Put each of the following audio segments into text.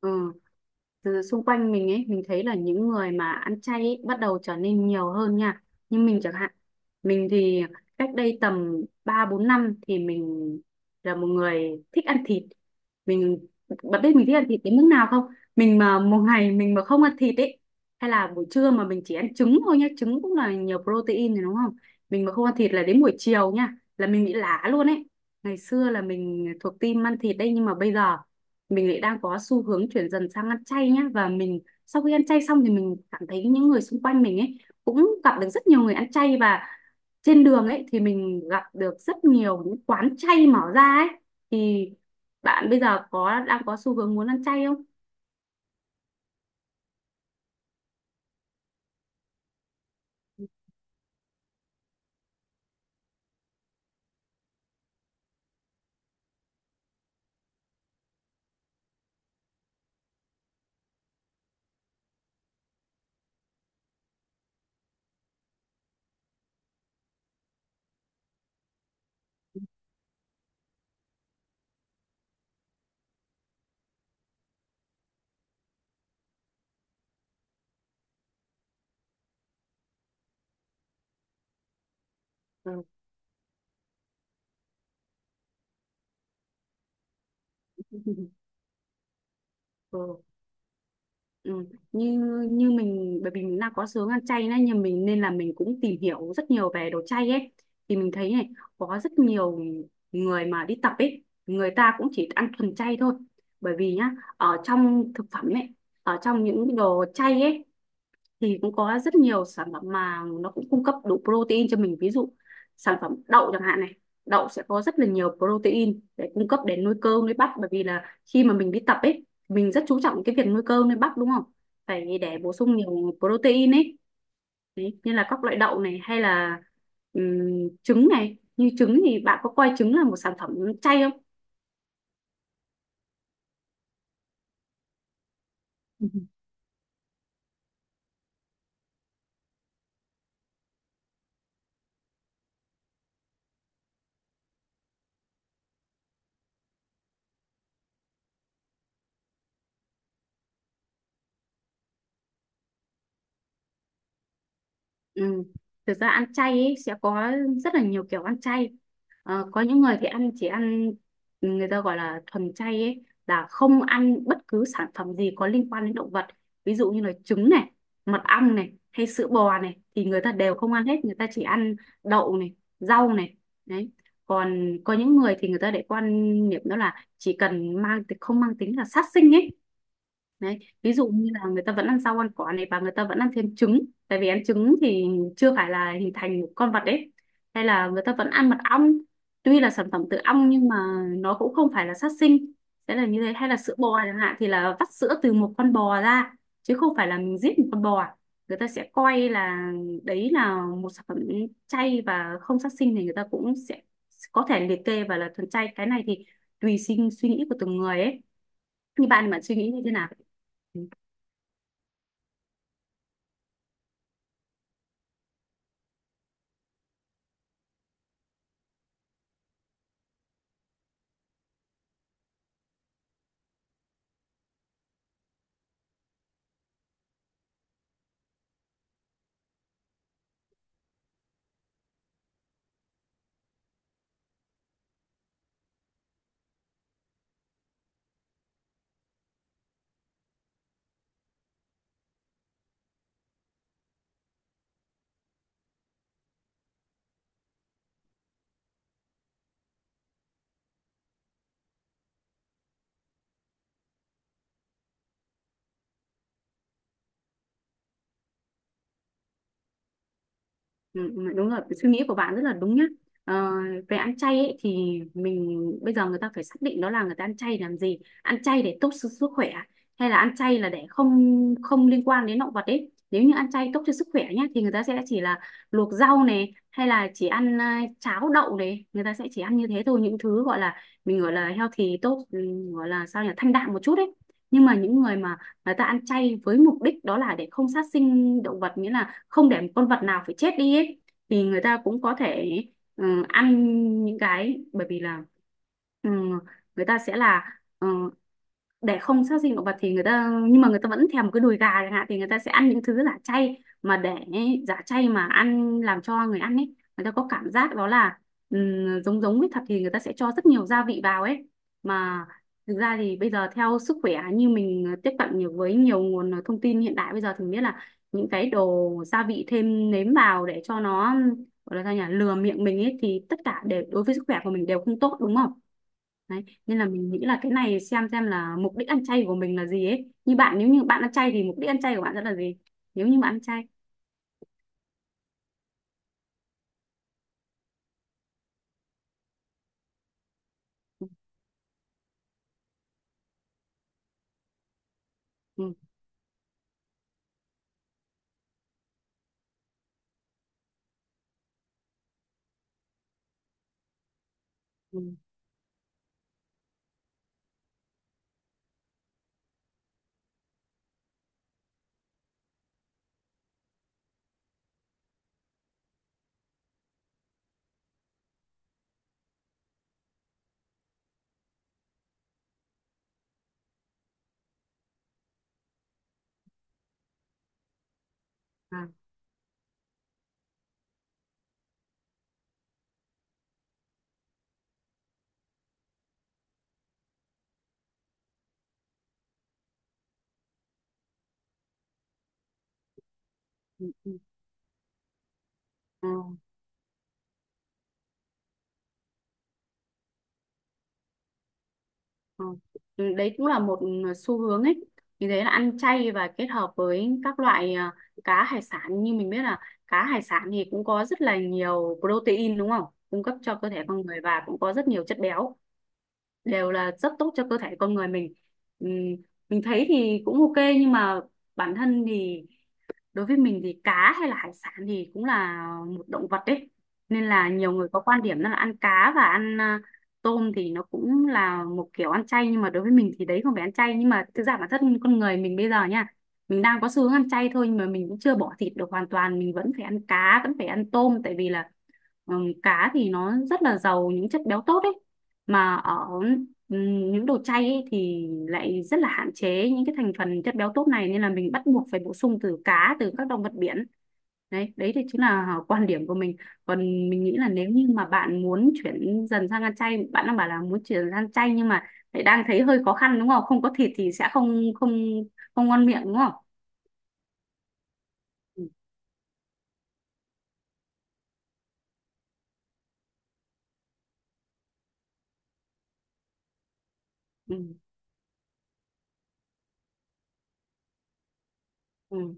Ừ. Từ xung quanh mình ấy, mình thấy là những người mà ăn chay ấy bắt đầu trở nên nhiều hơn nha, nhưng mình chẳng hạn, mình thì cách đây tầm 3 4 năm thì mình là một người thích ăn thịt. mình Bạn biết mình thích ăn thịt đến mức nào không? Mình mà một ngày mình mà không ăn thịt ấy, hay là buổi trưa mà mình chỉ ăn trứng thôi nhá, trứng cũng là nhiều protein rồi đúng không. Mình mà không ăn thịt là đến buổi chiều nha là mình bị lả luôn ấy. Ngày xưa là mình thuộc team ăn thịt đấy, nhưng mà bây giờ mình lại đang có xu hướng chuyển dần sang ăn chay nhá, và mình sau khi ăn chay xong thì mình cảm thấy những người xung quanh mình ấy cũng gặp được rất nhiều người ăn chay, và trên đường ấy thì mình gặp được rất nhiều những quán chay mở ra ấy. Thì bạn bây giờ có đang có xu hướng muốn ăn chay không? Ừ. Ừ. Như như mình, bởi vì mình đang có xướng ăn chay nên, nhưng mình nên là mình cũng tìm hiểu rất nhiều về đồ chay ấy, thì mình thấy này, có rất nhiều người mà đi tập ấy người ta cũng chỉ ăn thuần chay thôi. Bởi vì nhá, ở trong thực phẩm ấy, ở trong những đồ chay ấy, thì cũng có rất nhiều sản phẩm mà nó cũng cung cấp đủ protein cho mình. Ví dụ sản phẩm đậu chẳng hạn này, đậu sẽ có rất là nhiều protein để cung cấp để nuôi cơ nuôi bắp, bởi vì là khi mà mình đi tập ấy mình rất chú trọng cái việc nuôi cơ nuôi bắp đúng không, phải để bổ sung nhiều protein ấy. Đấy, như là các loại đậu này, hay là trứng này. Như trứng thì bạn có coi trứng là một sản phẩm chay không? Ừ. Thực ra ăn chay ấy, sẽ có rất là nhiều kiểu ăn chay. Có những người thì ăn, chỉ ăn, người ta gọi là thuần chay ấy, là không ăn bất cứ sản phẩm gì có liên quan đến động vật. Ví dụ như là trứng này, mật ong này, hay sữa bò này thì người ta đều không ăn hết, người ta chỉ ăn đậu này, rau này. Đấy. Còn có những người thì người ta lại quan niệm đó là chỉ cần mang, không mang tính là sát sinh ấy. Đấy. Ví dụ như là người ta vẫn ăn rau ăn quả này, và người ta vẫn ăn thêm trứng, tại vì ăn trứng thì chưa phải là hình thành một con vật đấy. Hay là người ta vẫn ăn mật ong, tuy là sản phẩm từ ong nhưng mà nó cũng không phải là sát sinh, sẽ là như thế. Hay là sữa bò chẳng hạn thì là vắt sữa từ một con bò ra, chứ không phải là mình giết một con bò, người ta sẽ coi là đấy là một sản phẩm chay và không sát sinh, thì người ta cũng sẽ có thể liệt kê và là thuần chay. Cái này thì tùy sinh suy nghĩ của từng người ấy. Như bạn mà suy nghĩ như thế nào? Ừ, đúng rồi, suy nghĩ của bạn rất là đúng nhá. ờ, Về ăn chay ấy, thì mình bây giờ, người ta phải xác định đó là người ta ăn chay làm gì, ăn chay để tốt cho sức khỏe hay là ăn chay là để không, không liên quan đến động vật ấy. Nếu như ăn chay tốt cho sức khỏe nhá thì người ta sẽ chỉ là luộc rau này, hay là chỉ ăn, cháo đậu này, người ta sẽ chỉ ăn như thế thôi, những thứ gọi là, mình gọi là healthy tốt, gọi là sao nhỉ, thanh đạm một chút ấy. Nhưng mà những người mà người ta ăn chay với mục đích đó là để không sát sinh động vật, nghĩa là không để một con vật nào phải chết đi ấy, thì người ta cũng có thể, ăn những cái, bởi vì là, ừ, người ta sẽ là, để không sát sinh động vật thì người ta, nhưng mà người ta vẫn thèm cái đùi gà chẳng hạn, thì người ta sẽ ăn những thứ giả chay, mà để giả chay mà ăn, làm cho người ăn ấy người ta có cảm giác đó là giống giống với thật, thì người ta sẽ cho rất nhiều gia vị vào ấy. Mà thực ra thì bây giờ theo sức khỏe, như mình tiếp cận nhiều với nhiều nguồn thông tin hiện đại bây giờ thì mình biết là những cái đồ gia vị thêm nếm vào để cho nó gọi là sao nhỉ, lừa miệng mình ấy, thì tất cả đều đối với sức khỏe của mình đều không tốt đúng không. Đấy. Nên là mình nghĩ là cái này xem là mục đích ăn chay của mình là gì ấy. Như bạn, nếu như bạn ăn chay thì mục đích ăn chay của bạn sẽ là gì? Nếu như bạn ăn chay. Ừ. Ừ. À. Ừ. Ừ. Ờ, ờ. Ừ. Đấy cũng là một xu hướng ấy. Vì thế là ăn chay và kết hợp với các loại, cá hải sản. Như mình biết là cá hải sản thì cũng có rất là nhiều protein đúng không? Cung cấp cho cơ thể con người, và cũng có rất nhiều chất béo, đều là rất tốt cho cơ thể con người mình. Ừ. Mình thấy thì cũng ok, nhưng mà bản thân thì, đối với mình thì cá hay là hải sản thì cũng là một động vật đấy, nên là nhiều người có quan điểm đó là ăn cá và ăn, tôm thì nó cũng là một kiểu ăn chay, nhưng mà đối với mình thì đấy không phải ăn chay. Nhưng mà thực ra bản thân con người mình bây giờ nha, mình đang có xu hướng ăn chay thôi, nhưng mà mình cũng chưa bỏ thịt được hoàn toàn, mình vẫn phải ăn cá, vẫn phải ăn tôm. Tại vì là cá thì nó rất là giàu những chất béo tốt ấy, mà ở những đồ chay ấy, thì lại rất là hạn chế những cái thành phần chất béo tốt này, nên là mình bắt buộc phải bổ sung từ cá, từ các động vật biển. Đấy đấy thì chính là quan điểm của mình. Còn mình nghĩ là nếu như mà bạn muốn chuyển dần sang ăn chay, bạn đang bảo là muốn chuyển sang chay nhưng mà lại đang thấy hơi khó khăn đúng không? Không có thịt thì sẽ không, không, không ngon miệng đúng không. Ừ, ừ, ừ,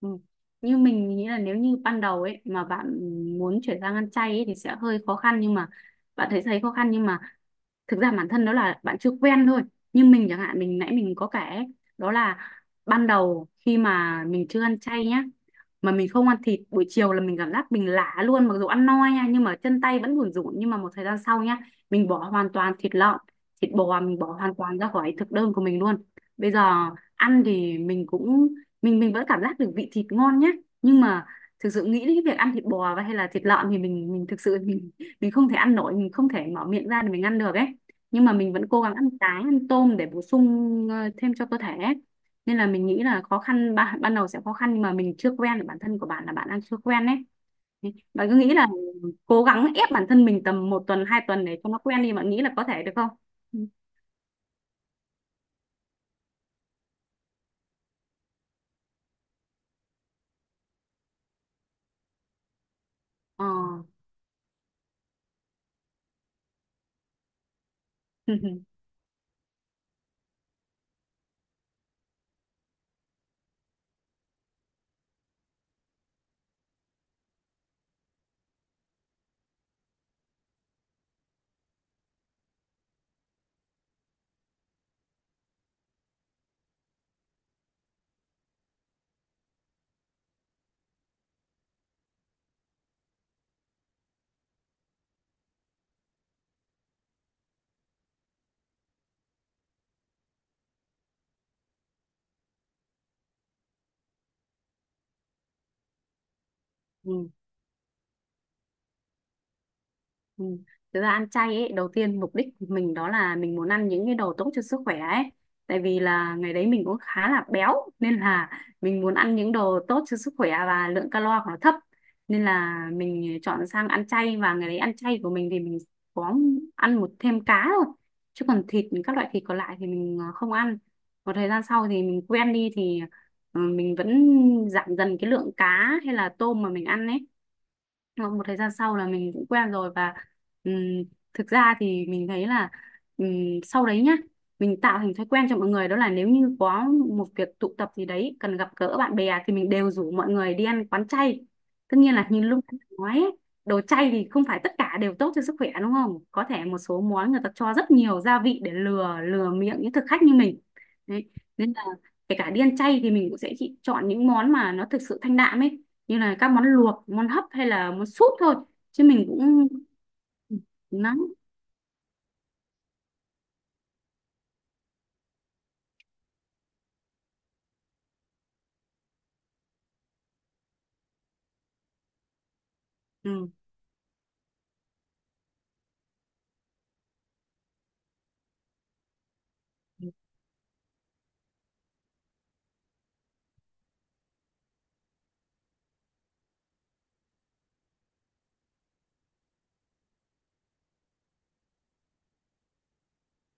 ừ. Như mình nghĩ là nếu như ban đầu ấy mà bạn muốn chuyển sang ăn chay ấy, thì sẽ hơi khó khăn. Nhưng mà bạn thấy, thấy khó khăn nhưng mà thực ra bản thân đó là bạn chưa quen thôi. Nhưng mình chẳng hạn, mình nãy mình có kể ấy, đó là ban đầu khi mà mình chưa ăn chay nhá, mà mình không ăn thịt buổi chiều là mình cảm giác mình lả luôn, mặc dù ăn no nha, nhưng mà chân tay vẫn buồn rủn. Nhưng mà một thời gian sau nhá, mình bỏ hoàn toàn thịt lợn, thịt bò mình bỏ hoàn toàn ra khỏi thực đơn của mình luôn. Bây giờ ăn thì mình cũng, mình vẫn cảm giác được vị thịt ngon nhá, nhưng mà thực sự nghĩ đến cái việc ăn thịt bò hay là thịt lợn thì mình thực sự, mình không thể ăn nổi, mình không thể mở miệng ra để mình ăn được ấy. Nhưng mà mình vẫn cố gắng ăn cá ăn tôm để bổ sung thêm cho cơ thể ấy. Nên là mình nghĩ là khó khăn ban đầu sẽ khó khăn nhưng mà mình chưa quen, bản thân của bạn là bạn đang chưa quen đấy. Thế bạn cứ nghĩ là cố gắng ép bản thân mình tầm một tuần hai tuần để cho nó quen đi, bạn nghĩ là có thể được không? Ừ. Ờ. Ừ. Ừ. Thực ra ăn chay ấy, đầu tiên mục đích của mình đó là mình muốn ăn những cái đồ tốt cho sức khỏe ấy. Tại vì là ngày đấy mình cũng khá là béo, nên là mình muốn ăn những đồ tốt cho sức khỏe và lượng calo của nó thấp. Nên là mình chọn sang ăn chay. Và ngày đấy ăn chay của mình thì mình có ăn một thêm cá thôi. Chứ còn thịt, các loại thịt còn lại thì mình không ăn. Một thời gian sau thì mình quen đi thì mình vẫn giảm dần cái lượng cá hay là tôm mà mình ăn ấy. Sau một thời gian sau là mình cũng quen rồi, và ừm, thực ra thì mình thấy là ừm, sau đấy nhá, mình tạo thành thói quen cho mọi người đó là nếu như có một việc tụ tập gì đấy cần gặp gỡ bạn bè thì mình đều rủ mọi người đi ăn quán chay. Tất nhiên là như lúc anh nói ấy, đồ chay thì không phải tất cả đều tốt cho sức khỏe đúng không, có thể một số món người ta cho rất nhiều gia vị để lừa lừa miệng những thực khách như mình. Đấy. Nên là kể cả đi ăn chay thì mình cũng sẽ chỉ chọn những món mà nó thực sự thanh đạm ấy, như là các món luộc, món hấp, hay là món súp thôi, chứ mình cũng nắng. Ừ.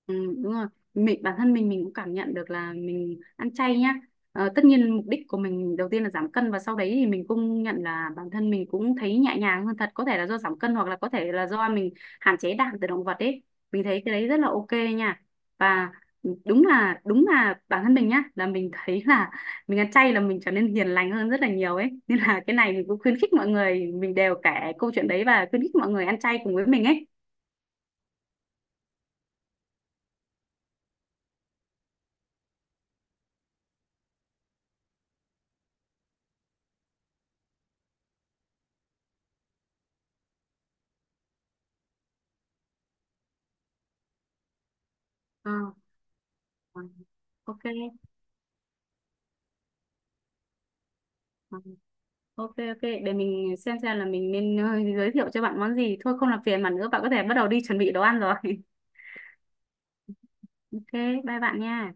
Ừ, đúng rồi, mình bản thân mình cũng cảm nhận được là mình ăn chay nhá. Ờ, tất nhiên mục đích của mình đầu tiên là giảm cân, và sau đấy thì mình cũng nhận là bản thân mình cũng thấy nhẹ nhàng hơn thật, có thể là do giảm cân hoặc là có thể là do mình hạn chế đạm từ động vật ấy. Mình thấy cái đấy rất là ok nha. Và đúng là bản thân mình nhá, là mình thấy là mình ăn chay là mình trở nên hiền lành hơn rất là nhiều ấy, nên là cái này mình cũng khuyến khích mọi người, mình đều kể câu chuyện đấy và khuyến khích mọi người ăn chay cùng với mình ấy. Ờ, ờ, ok. Ờ, Ok ok, để mình xem là mình nên giới thiệu cho bạn món gì. Thôi không làm phiền bạn nữa, bạn có thể bắt đầu đi chuẩn bị đồ ăn rồi. Ok, bye bạn nha.